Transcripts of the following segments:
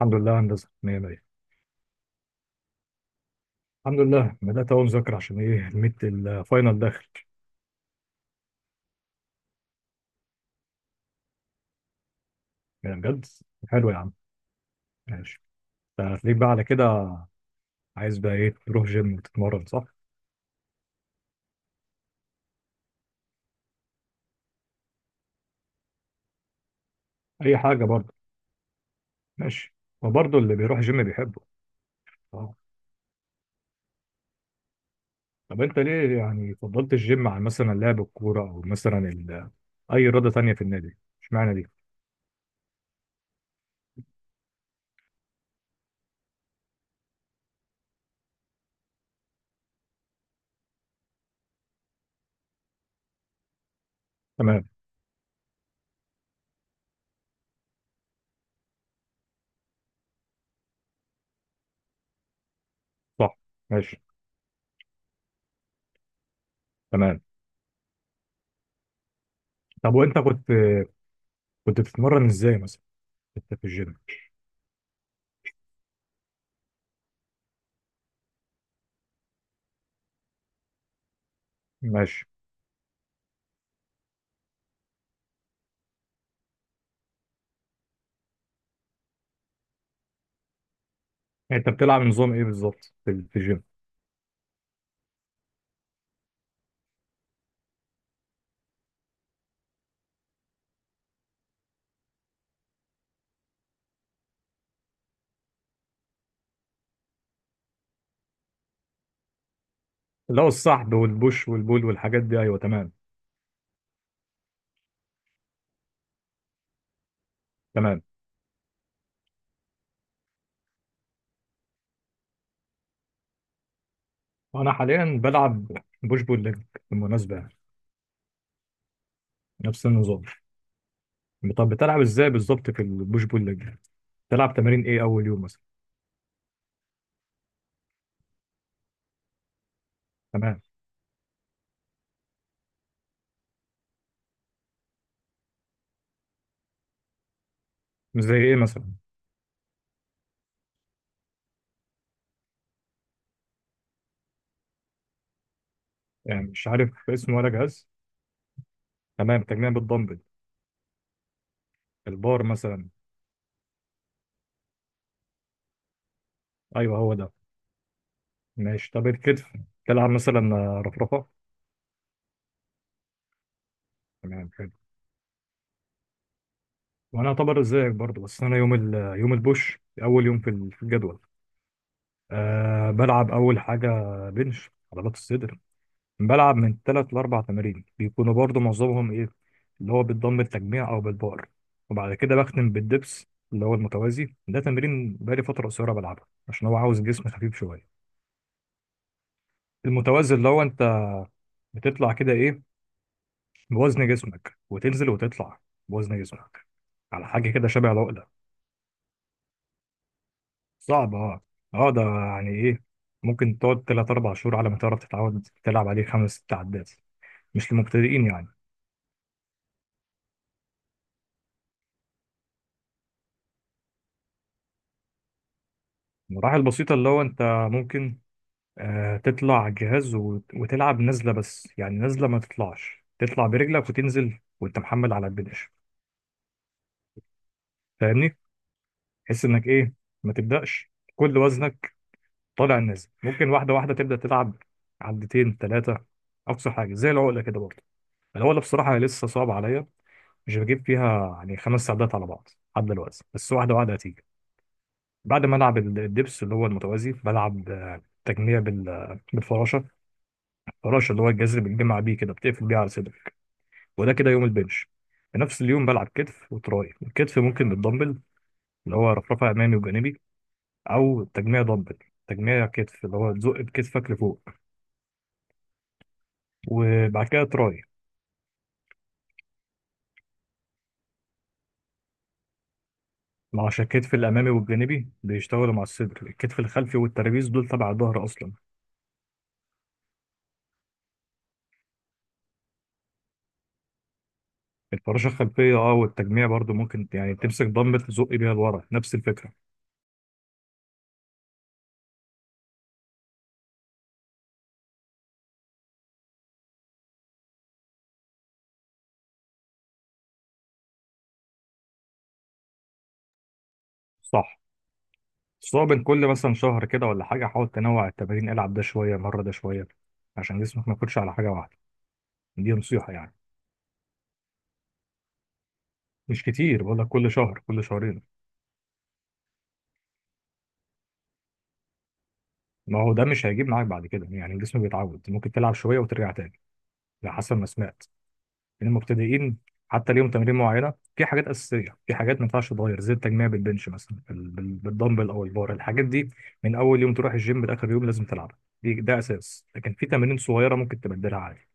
الحمد لله يا هندسة، مية مية. الحمد لله بدأت أول مذاكرة عشان إيه الميد الفاينل داخل. يعني بجد حلو يا عم. ماشي. فتلاقيك بقى على كده عايز بقى إيه، تروح جيم وتتمرن صح؟ أي حاجة برضه. ماشي. وبرضه اللي بيروح جيم بيحبه. أه. طب أنت ليه يعني فضلت الجيم عن مثلا لعب الكورة أو مثلا أي رياضة تانية في النادي؟ إشمعنى دي؟ تمام. صح. ماشي. تمام. طب وأنت كنت بتتمرن إزاي مثلا أنت في الجيم؟ ماشي. يعني أنت بتلعب نظام إيه بالظبط في الجيم؟ اللي هو السحب والبوش والبول والحاجات دي، ايوه تمام. تمام. انا حاليا بلعب بوش بول ليج بالمناسبه، يعني نفس النظام. طب بتلعب ازاي بالظبط في البوش بول ليج؟ بتلعب تمارين ايه اول يوم مثلا؟ تمام. مش زي ايه مثلا؟ يعني مش عارف اسمه ولا جهاز. تمام، تجميع بالدمبل، البار مثلا. ايوه هو ده. ماشي، طب الكتف تلعب مثلا رفرفه؟ تمام، حلو. وانا اعتبر زيك برضه، بس انا يوم يوم البوش اول يوم في في الجدول. أه، بلعب اول حاجه بنش عضلات الصدر. بلعب من ثلاث لأربع تمارين بيكونوا برضو معظمهم إيه، اللي هو بالضم التجميع أو بالبار. وبعد كده بختم بالدبس، اللي هو المتوازي. ده تمرين بقالي فترة قصيرة بلعبه عشان هو عاوز جسم خفيف شوية. المتوازي اللي هو أنت بتطلع كده إيه، بوزن جسمك، وتنزل وتطلع بوزن جسمك على حاجة كده شبه العقلة. صعب أه. أه، ده يعني إيه، ممكن تقعد تلات أربع شهور على ما تعرف تتعود تلعب عليه خمس ست عدات. مش للمبتدئين يعني. المراحل البسيطة اللي هو أنت ممكن آه، تطلع جهاز وتلعب نازلة، بس يعني نازلة ما تطلعش، تطلع برجلك وتنزل وانت محمل على البنش. فاهمني؟ تحس انك ايه، ما تبدأش كل وزنك طالع نازل، ممكن واحدة واحدة تبدأ تلعب عدتين ثلاثة. أقصى حاجة زي العقلة كده برضه. العقلة بصراحة هي لسه صعبة عليا، مش بجيب فيها يعني خمس عدات على بعض لحد دلوقتي، بس واحدة واحدة هتيجي. بعد ما ألعب الدبس اللي هو المتوازي، بلعب آه، تجميع بالفراشة. الفراشة اللي هو الجذر، بتجمع بيه كده بتقفل بيه على صدرك. وده كده يوم البنش. في نفس اليوم بلعب كتف وتراي. الكتف ممكن بالدمبل، اللي هو رفرفه امامي وجانبي، او تجميع دمبل، تجميع كتف اللي هو تزق بكتفك لفوق. وبعد كده تراي. ما عشان الكتف الامامي والجانبي بيشتغلوا مع الصدر، الكتف الخلفي والترابيز دول تبع الظهر اصلا. الفراشه الخلفيه اه، والتجميع برضو ممكن يعني تمسك دمبل تزق بيها لورا، نفس الفكره. صح. بس هو بين كل مثلا شهر كده ولا حاجه حاول تنوع التمارين، العب ده شويه مره ده شويه، عشان جسمك ما يكونش على حاجه واحده. دي نصيحه يعني، مش كتير، بقول لك كل شهر كل شهرين. ما هو ده مش هيجيب معاك بعد كده، يعني الجسم بيتعود، ممكن تلعب شويه وترجع تاني. على حسب ما سمعت ان المبتدئين حتى ليهم تمارين معينه، في حاجات اساسيه، في حاجات ما ينفعش تتغير زي التجميع بالبنش مثلا بالدمبل او البار، الحاجات دي من اول يوم تروح الجيم لاخر يوم لازم تلعبها. ده اساس، لكن في تمارين صغيره ممكن تبدلها عادي.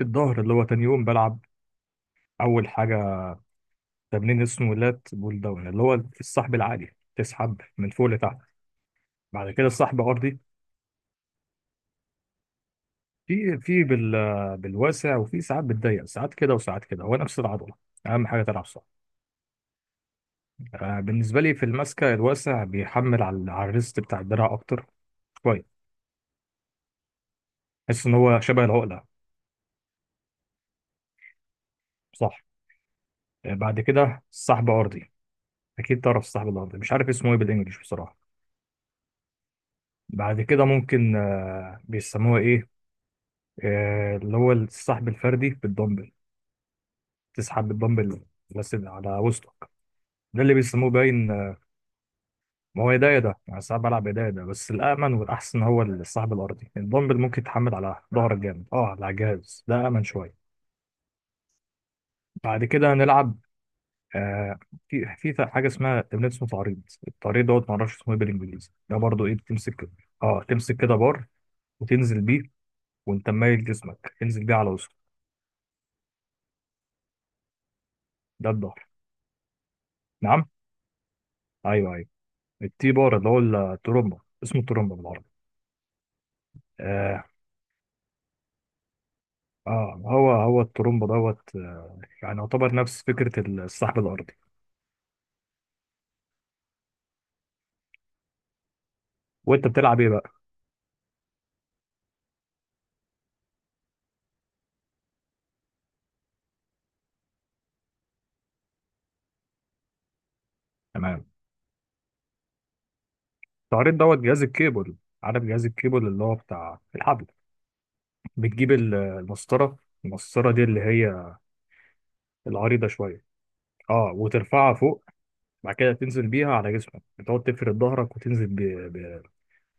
الظهر اللي هو تاني يوم بلعب اول حاجه تمرين اسمه لات بول داون، اللي هو السحب العالي، تسحب من فوق لتحت. بعد كده السحب ارضي. في بالواسع، وفي ساعات بالضيق، ساعات كده وساعات كده هو نفس العضله. اهم حاجه تلعب صح. آه، بالنسبه لي في المسكه الواسع بيحمل على على الريست بتاع الدراع اكتر شويه. بحس ان هو شبه العقله. صح. آه، بعد كده سحب ارضي. اكيد تعرف السحب الارضي، مش عارف اسمه ايه بالانجلش بصراحه. بعد كده ممكن آه، بيسموها ايه، آه، اللي هو السحب الفردي بالدمبل، تسحب بالدمبل بس على وسطك. ده اللي بيسموه باين. ما هو ايديا ده انا ساعات بلعب ايديا ده، بس الامن والاحسن هو الصاحب الارضي، الدمبل ممكن يتحمل على ظهرك جامد، اه على الجهاز ده امن شويه. بعد كده هنلعب آه، حاجه اسمها تمرين اسمه تعريض. التعريض دوت ما اعرفش اسمه ايه بالانجليزي، ده برضو ايه، بتمسك كده. اه، تمسك كده بار، وتنزل بيه وانت مايل جسمك، تنزل بيه على وسطك. ده الظهر. نعم. ايوه ايوه. التي بار اللي هو الترومبا، اسمه الترومبا بالعربي. اه اه، هو الترومبا دوت آه، يعني يعتبر نفس فكره السحب الارضي. وانت بتلعب ايه بقى. تمام. تعريض دوت جهاز الكيبل. عارف جهاز الكيبل اللي هو بتاع الحبل، بتجيب المسطره. المسطره دي اللي هي العريضه شويه، اه، وترفعها فوق. بعد كده تنزل بيها على جسمك، بتقعد تفرد ظهرك وتنزل ب...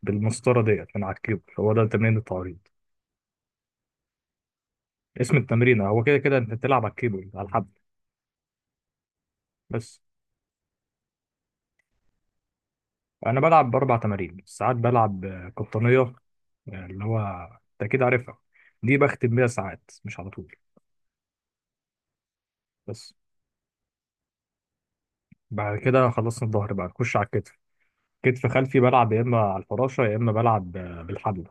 بالمسطره ديت من على الكيبل. هو ده تمرين التعريض. اسم التمرين هو كده، كده انت بتلعب على الكيبل، على الحبل، بس. انا بلعب باربع تمارين، ساعات بلعب آه، قطنيه، آه، اللي هو انت اكيد عارفها. دي بختم بيها ساعات، مش على طول، بس. بعد كده خلصنا الظهر بقى، نخش على الكتف. كتف خلفي بلعب يا اما على الفراشه، يا اما بلعب آه، بالحبل،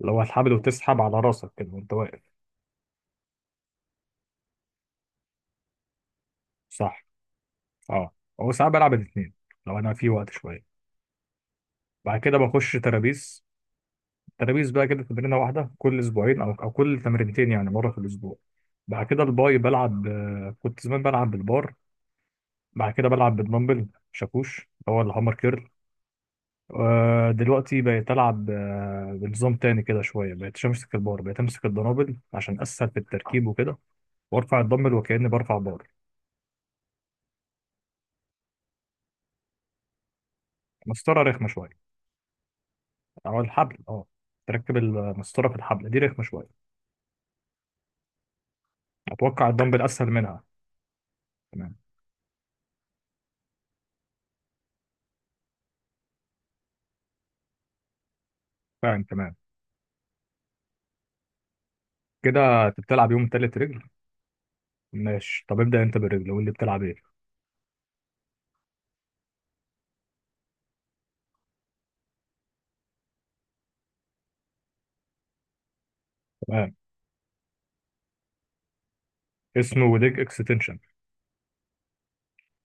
اللي هو الحبل وتسحب على راسك كده وانت واقف. صح. اه، هو ساعات بلعب الاثنين لو انا في وقت شويه. بعد كده بخش ترابيز، ترابيز بقى كده تمرينه واحده كل اسبوعين او كل تمرينتين، يعني مره في الاسبوع. بعد كده الباي، بلعب آه، كنت زمان بلعب بالبار، بعد كده بلعب بالدمبل شاكوش اللي هو الهامر كيرل. آه، دلوقتي بقيت ألعب آه، بنظام تاني كده شوية، بقيت أمسك البار، بقيت أمسك الدنابل عشان أسهل في التركيب وكده، وأرفع الدمبل وكأني برفع بار. مسطرة رخمة شوية، أو الحبل أه. تركب المسطرة في الحبل، دي رخمة شوية. أتوقع الدمبل أسهل منها. تمام، فاهم تمام. كده أنت بتلعب يوم تالت رجل. ماشي، طب ابدأ أنت بالرجل، قول لي بتلعب إيه. تمام. اسمه ليج اكستنشن.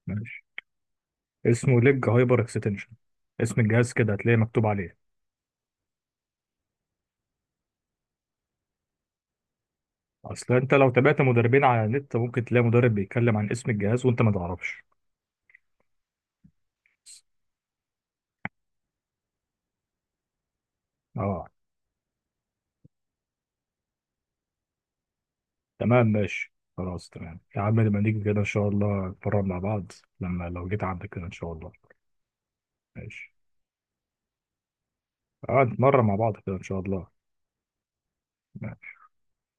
ماشي. اسمه ليج هايبر اكستنشن، اسم الجهاز كده هتلاقيه مكتوب عليه. اصل انت لو تابعت مدربين على النت ممكن تلاقي مدرب بيتكلم عن اسم الجهاز وانت ما تعرفش. اه. تمام ماشي، خلاص تمام يا عم، لما نيجي كده ان شاء الله نتمرن مع بعض. لما لو جيت عندك كده ان شاء الله. ماشي. اه، نتمرن مع بعض كده ان شاء الله.